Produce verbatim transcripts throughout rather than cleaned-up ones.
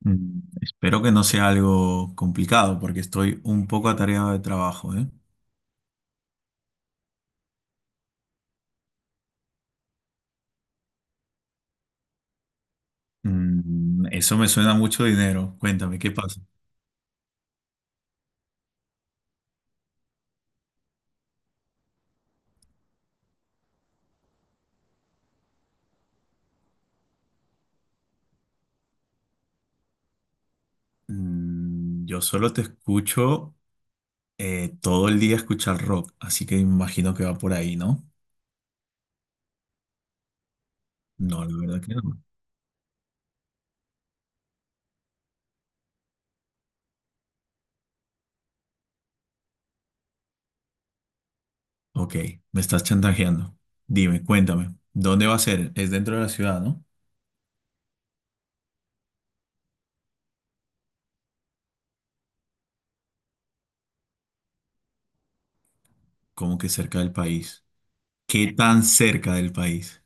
Mm, Espero que no sea algo complicado porque estoy un poco atareado de trabajo, ¿eh? Mm, eso me suena a mucho dinero. Cuéntame, ¿qué pasa? Mm, yo solo te escucho eh, todo el día escuchar rock, así que imagino que va por ahí, ¿no? No, la verdad que no. Ok, me estás chantajeando. Dime, cuéntame, ¿dónde va a ser? Es dentro de la ciudad, ¿no? Como que cerca del país. ¿Qué tan cerca del país?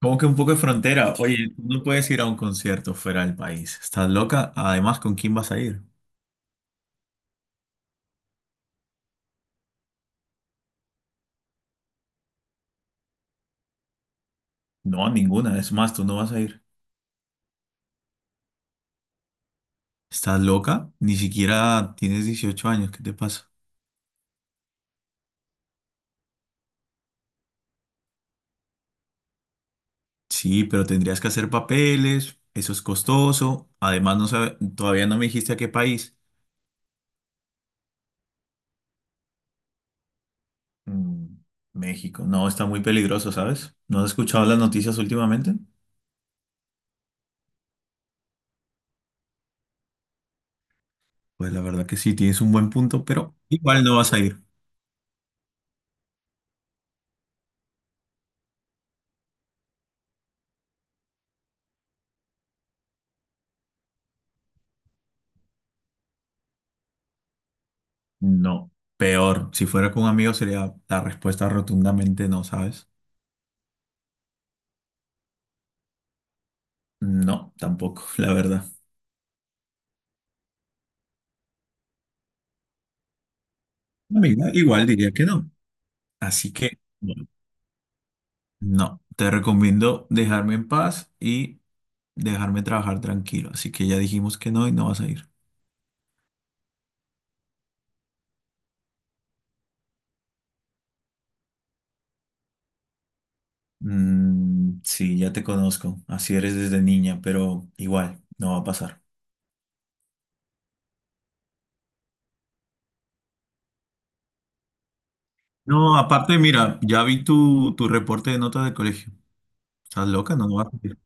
Como que un poco de frontera. Oye, tú no puedes ir a un concierto fuera del país. ¿Estás loca? Además, ¿con quién vas a ir? No, a ninguna. Es más, tú no vas a ir. ¿Estás loca? Ni siquiera tienes dieciocho años. ¿Qué te pasa? Sí, pero tendrías que hacer papeles. Eso es costoso. Además, no sabe- todavía no me dijiste a qué país. Mm, México. No, está muy peligroso, ¿sabes? ¿No has escuchado las noticias últimamente? Pues la verdad que sí, tienes un buen punto, pero igual no vas a ir. No, peor. Si fuera con un amigo sería la respuesta rotundamente no, ¿sabes? No, tampoco, la verdad. Amiga, igual diría que no. Así que, bueno, no, te recomiendo dejarme en paz y dejarme trabajar tranquilo. Así que ya dijimos que no y no vas a ir. Mm, sí, ya te conozco. Así eres desde niña, pero igual, no va a pasar. No, aparte, mira, ya vi tu, tu reporte de notas del colegio. ¿Estás loca? No, no vas a ir.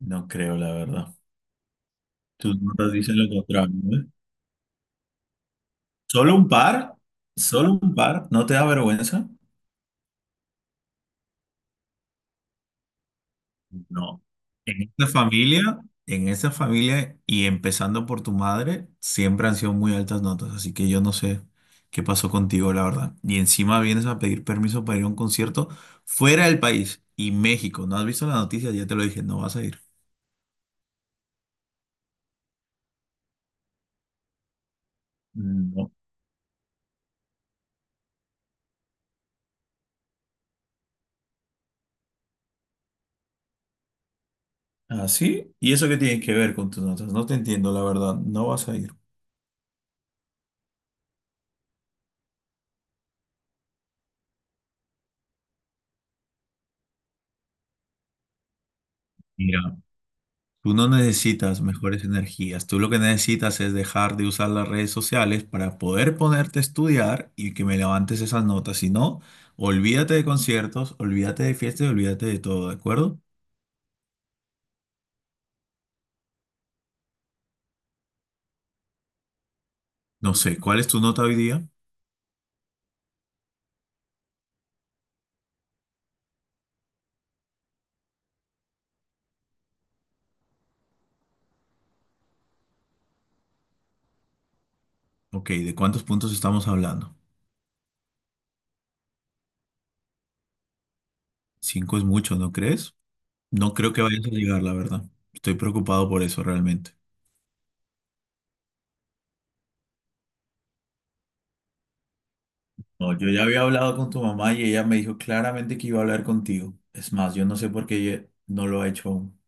No creo, la verdad. Tus notas dicen lo contrario, ¿eh? ¿Solo un par? ¿Solo un par? ¿No te da vergüenza? No. En esta familia, en esta familia y empezando por tu madre, siempre han sido muy altas notas, así que yo no sé qué pasó contigo, la verdad. Y encima vienes a pedir permiso para ir a un concierto fuera del país y México. ¿No has visto la noticia? Ya te lo dije, no vas a ir. No. ¿Ah, sí? ¿Y eso qué tiene que ver con tus notas? No te entiendo, la verdad. No vas a ir. Mira. Tú no necesitas mejores energías, tú lo que necesitas es dejar de usar las redes sociales para poder ponerte a estudiar y que me levantes esas notas. Si no, olvídate de conciertos, olvídate de fiestas, y olvídate de todo, ¿de acuerdo? No sé, ¿cuál es tu nota hoy día? Ok, ¿de cuántos puntos estamos hablando? Cinco es mucho, ¿no crees? No creo que vayas a llegar, la verdad. Estoy preocupado por eso realmente. No, yo ya había hablado con tu mamá y ella me dijo claramente que iba a hablar contigo. Es más, yo no sé por qué ella no lo ha hecho aún.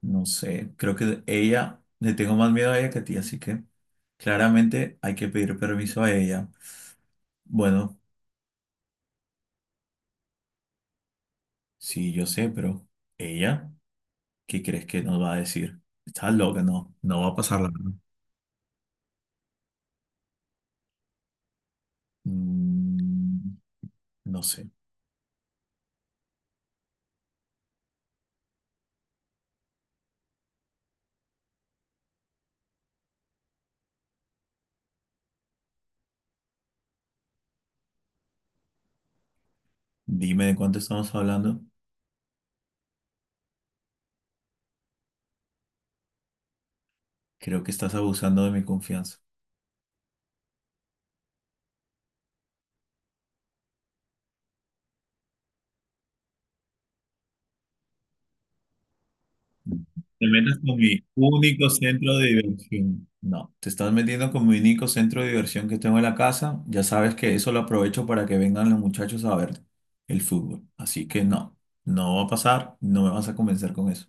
No sé, creo que ella, le tengo más miedo a ella que a ti, así que claramente hay que pedir permiso a ella. Bueno, sí, yo sé, pero ella, ¿qué crees que nos va a decir? Estás loca, no, no va a pasar la verdad. Mm, no sé, dime de cuánto estamos hablando. Creo que estás abusando de mi confianza. Te metas con mi único centro de diversión. No, te estás metiendo con mi único centro de diversión que tengo en la casa. Ya sabes que eso lo aprovecho para que vengan los muchachos a ver el fútbol. Así que no, no va a pasar, no me vas a convencer con eso.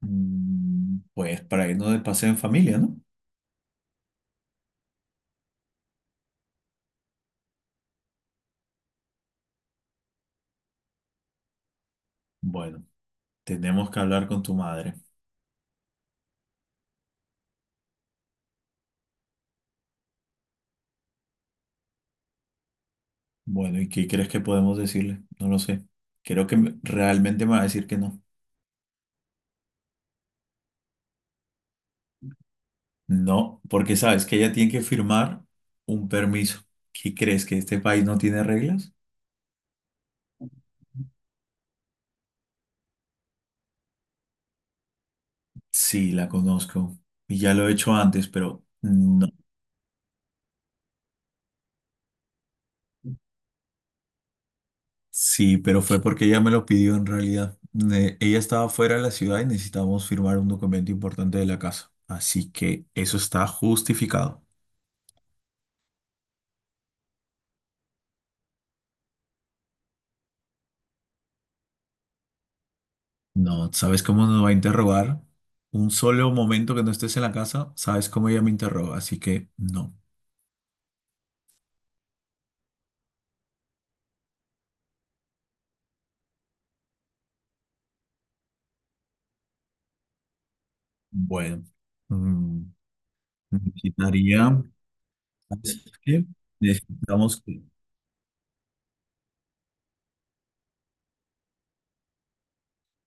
Mm, Pues para irnos de paseo en familia, ¿no? Bueno, tenemos que hablar con tu madre. Bueno, ¿y qué crees que podemos decirle? No lo sé. Creo que me- realmente me va a decir que no. No, porque sabes que ella tiene que firmar un permiso. ¿Qué crees que este país no tiene reglas? Sí, la conozco. Y ya lo he hecho antes, pero no. Sí, pero fue porque ella me lo pidió en realidad. Ne- ella estaba fuera de la ciudad y necesitábamos firmar un documento importante de la casa. Así que eso está justificado. No, ¿sabes cómo nos va a interrogar? Un solo momento que no estés en la casa, sabes cómo ella me interroga. Así que no. Bueno, mm, necesitaría. ¿Sabes qué? Necesitamos que...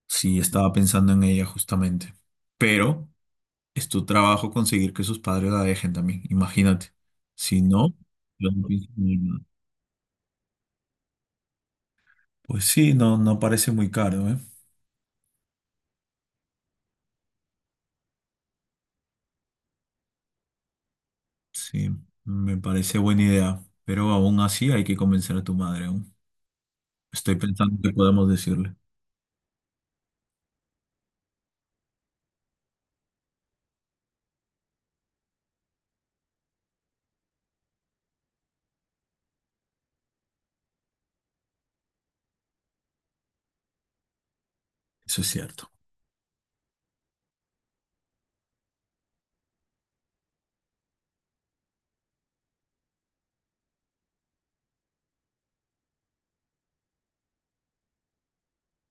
Sí, estaba pensando en ella justamente. Pero es tu trabajo conseguir que sus padres la dejen también, imagínate. Si no, yo no pienso en ir, ¿no? Pues sí, no, no parece muy caro, ¿eh? Sí, me parece buena idea. Pero aún así hay que convencer a tu madre aún. Estoy pensando que podemos decirle. Eso es cierto.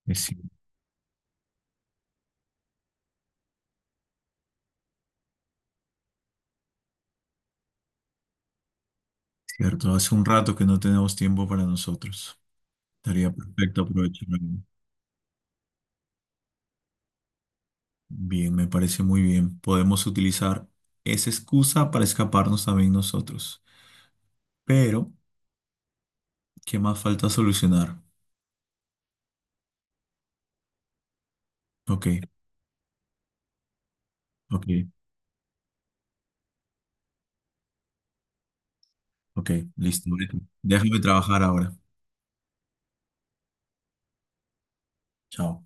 Es ci- cierto. Hace un rato que no tenemos tiempo para nosotros. Estaría perfecto aprovecharlo. Bien, me parece muy bien. Podemos utilizar esa excusa para escaparnos también nosotros. Pero, ¿qué más falta solucionar? Ok, ok, ok, listo. Déjame trabajar ahora. Chao.